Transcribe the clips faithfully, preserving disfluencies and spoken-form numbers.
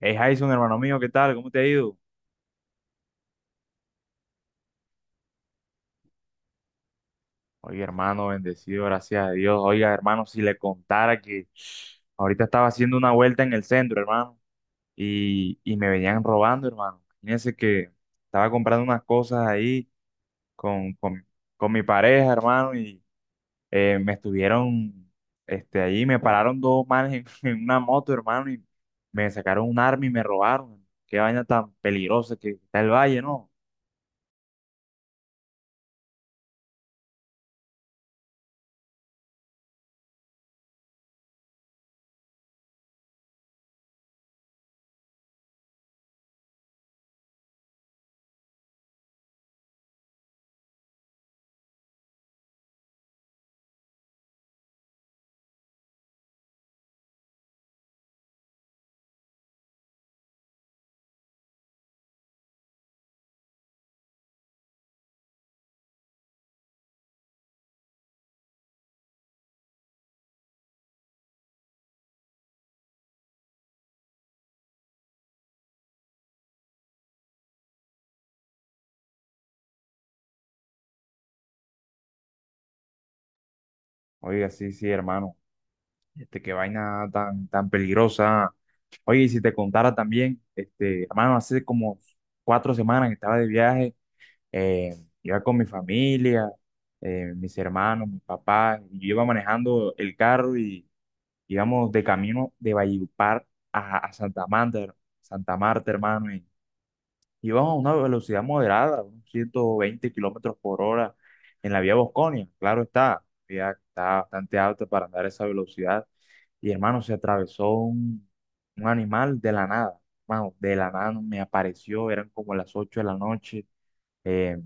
Hey Jason, hermano mío, ¿qué tal? ¿Cómo te ha ido? Oye, hermano, bendecido, gracias a Dios. Oiga, hermano, si le contara que ahorita estaba haciendo una vuelta en el centro, hermano, y, y me venían robando, hermano. Fíjense que estaba comprando unas cosas ahí con, con, con mi pareja, hermano, y eh, me estuvieron, este, ahí me pararon dos manes en, en una moto, hermano, y me sacaron un arma y me robaron. Qué vaina tan peligrosa que está el valle, ¿no? Oiga, sí, sí, hermano. Este, qué vaina tan, tan peligrosa. Oye, y si te contara también, este, hermano, hace como cuatro semanas que estaba de viaje, eh, iba con mi familia, eh, mis hermanos, mi papá, y yo iba manejando el carro y íbamos de camino de Valledupar a, a Santa Marta, Santa Marta, hermano, y íbamos a una velocidad moderada, unos ciento veinte kilómetros por hora en la vía Bosconia, claro está, ya está bastante alta para andar a esa velocidad y hermano, se atravesó un, un animal de la nada. Hermano, de la nada no me apareció, eran como las ocho de la noche. eh,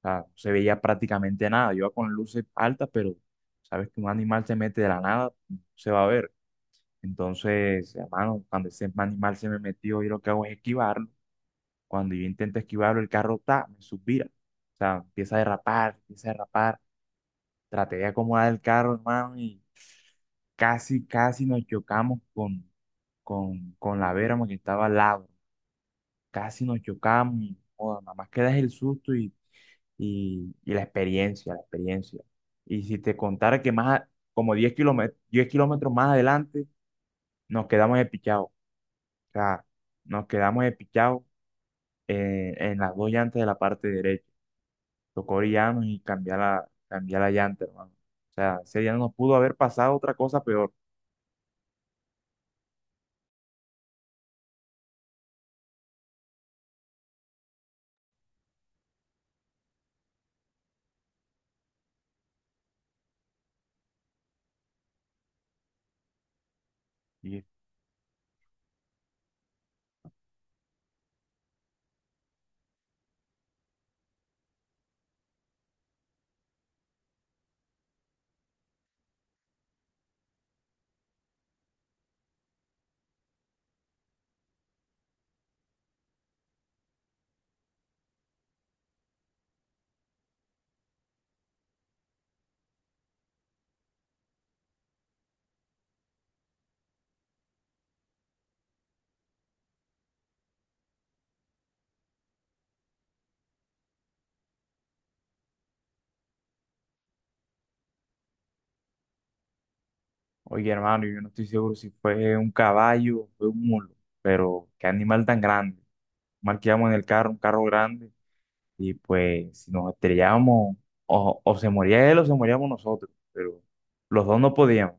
O sea, no se veía prácticamente nada. Yo iba con luces altas, pero sabes que un animal se mete de la nada, no se va a ver. Entonces, hermano, cuando ese animal se me metió, yo lo que hago es esquivarlo. Cuando yo intento esquivarlo, el carro está, me suspira. O sea, empieza a derrapar, empieza a derrapar. Traté de acomodar el carro, hermano, y casi, casi nos chocamos con con, con la Vera, que estaba al lado. Casi nos chocamos y, joda, nada más queda es el susto y, y, y la experiencia, la experiencia. Y si te contara que más, a- como diez kilómetros, diez kilómetros más adelante, nos quedamos espichados. O sea, nos quedamos espichados, eh, en las dos llantas de la parte derecha. Tocó orillarnos y cambiar la, cambiar la llanta, hermano. O sea, ese día no nos pudo haber pasado otra cosa peor. Y Oye, hermano, yo no estoy seguro si fue un caballo o fue un mulo, pero qué animal tan grande. Mal marqueamos en el carro, un carro grande, y pues si nos estrellábamos, o, o se moría él o se moríamos nosotros, pero los dos no podíamos.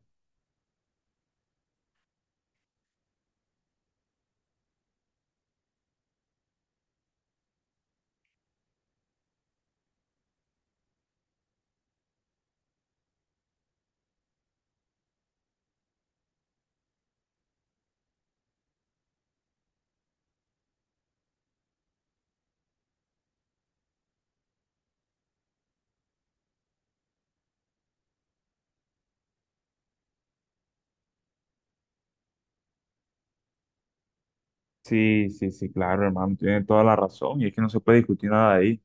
Sí, sí, sí, claro, hermano, tiene toda la razón, y es que no se puede discutir nada de ahí.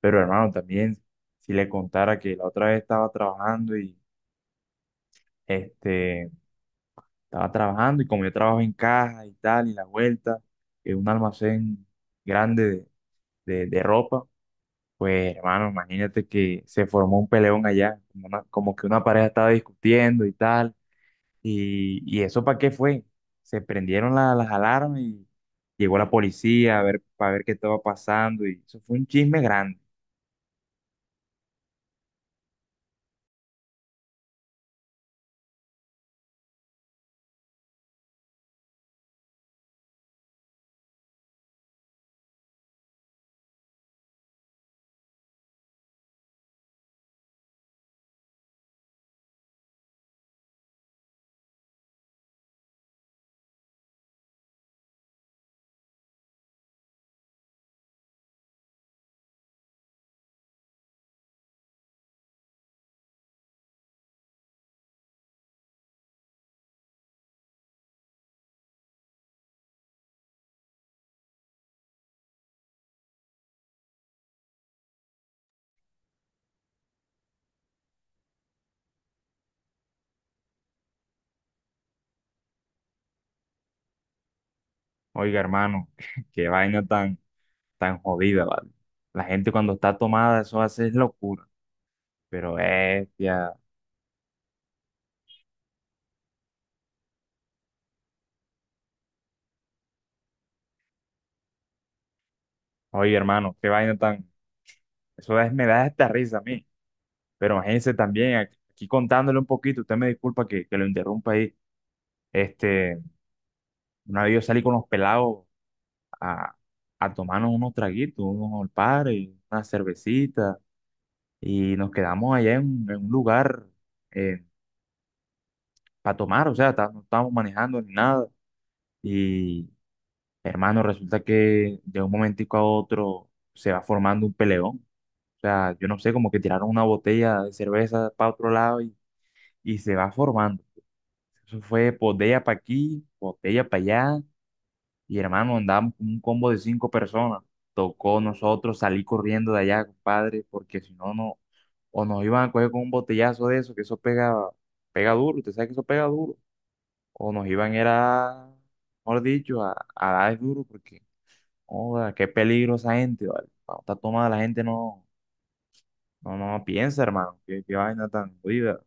Pero, hermano, también, si le contara que la otra vez estaba trabajando y, este, estaba trabajando, y como yo trabajo en caja y tal, y la vuelta, en un almacén grande de, de ropa, pues hermano, imagínate que se formó un peleón allá, como, una- como que una pareja estaba discutiendo y tal, y, y eso para qué fue, se prendieron la- las alarmas y llegó la policía a ver, para ver qué estaba pasando, y eso fue un chisme grande. Oiga, hermano, qué vaina tan, tan jodida, ¿vale? La gente cuando está tomada, eso hace es locura, pero bestia, oye, hermano, qué vaina tan, eso es- me da esta risa a mí. Pero imagínense también, aquí aquí contándole un poquito, usted me disculpa que, que lo interrumpa ahí. Este, una vez yo salí con los pelados a, a tomarnos unos traguitos, unos al par y una cervecita, y nos quedamos allá en, en un lugar para tomar, o sea, tá- no estábamos manejando ni nada. Y hermano, resulta que de un momentico a otro se va formando un peleón. O sea, yo no sé, como que tiraron una botella de cerveza para otro lado y, y se va formando. Eso fue botella para aquí, botella para allá. Y hermano, andábamos con un combo de cinco personas. Tocó nosotros salir corriendo de allá, compadre, porque si no, no, o nos iban a coger con un botellazo de eso, que eso pega, pega duro, usted sabe que eso pega duro. O nos iban era, mejor dicho, a, a dar duro, porque, joda, qué peligro esa gente, ¿vale? Cuando está tomada la gente no, no, no piensa, hermano, qué, qué vaina tan jodida.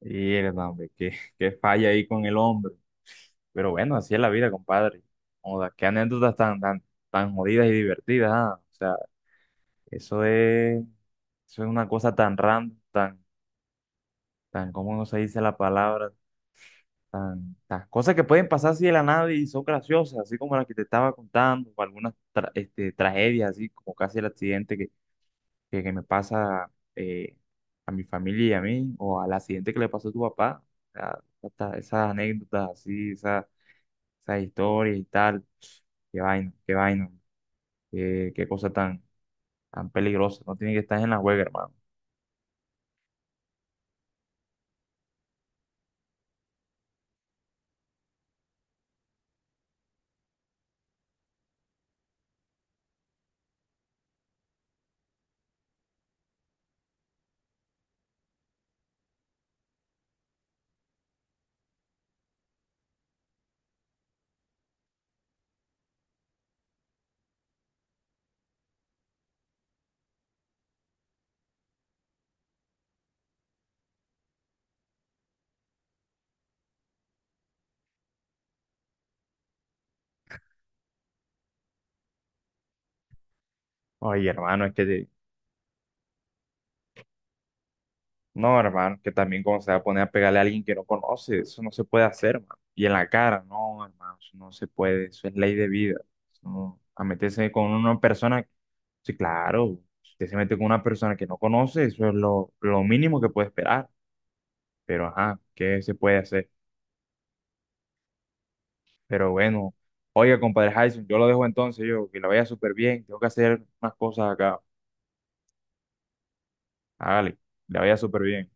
Y, hermano, hombre, qué, qué falla ahí con el hombre. Pero bueno, así es la vida, compadre. Joda, qué anécdotas tan, tan, tan jodidas y divertidas, ah. O sea, eso es, eso es una cosa tan random, tan, tan, ¿cómo no se dice la palabra? Tan, tan, cosas que pueden pasar así de la nada y son graciosas, así como la que te estaba contando, o algunas tra- este, tragedias, así como casi el accidente que, que, que me pasa eh, a mi familia y a mí, o al accidente que le pasó a tu papá. O sea, hasta esas anécdotas así, esa historia y tal. Qué vaina, qué vaina, qué, qué cosa tan, tan peligrosa. No tiene que estar en la juega, hermano. Oye, hermano, es que te- no, hermano, que también como se va a poner a pegarle a alguien que no conoce, eso no se puede hacer, hermano. Y en la cara, no, hermano, eso no se puede, eso es ley de vida. Eso no- A meterse con una persona, sí, claro, si usted se mete con una persona que no conoce, eso es lo, lo mínimo que puede esperar. Pero, ajá, ¿qué se puede hacer? Pero bueno, oiga, compadre Jason, yo lo dejo entonces, yo, que la vaya súper bien, tengo que hacer unas cosas acá. Hágale, la vaya súper bien.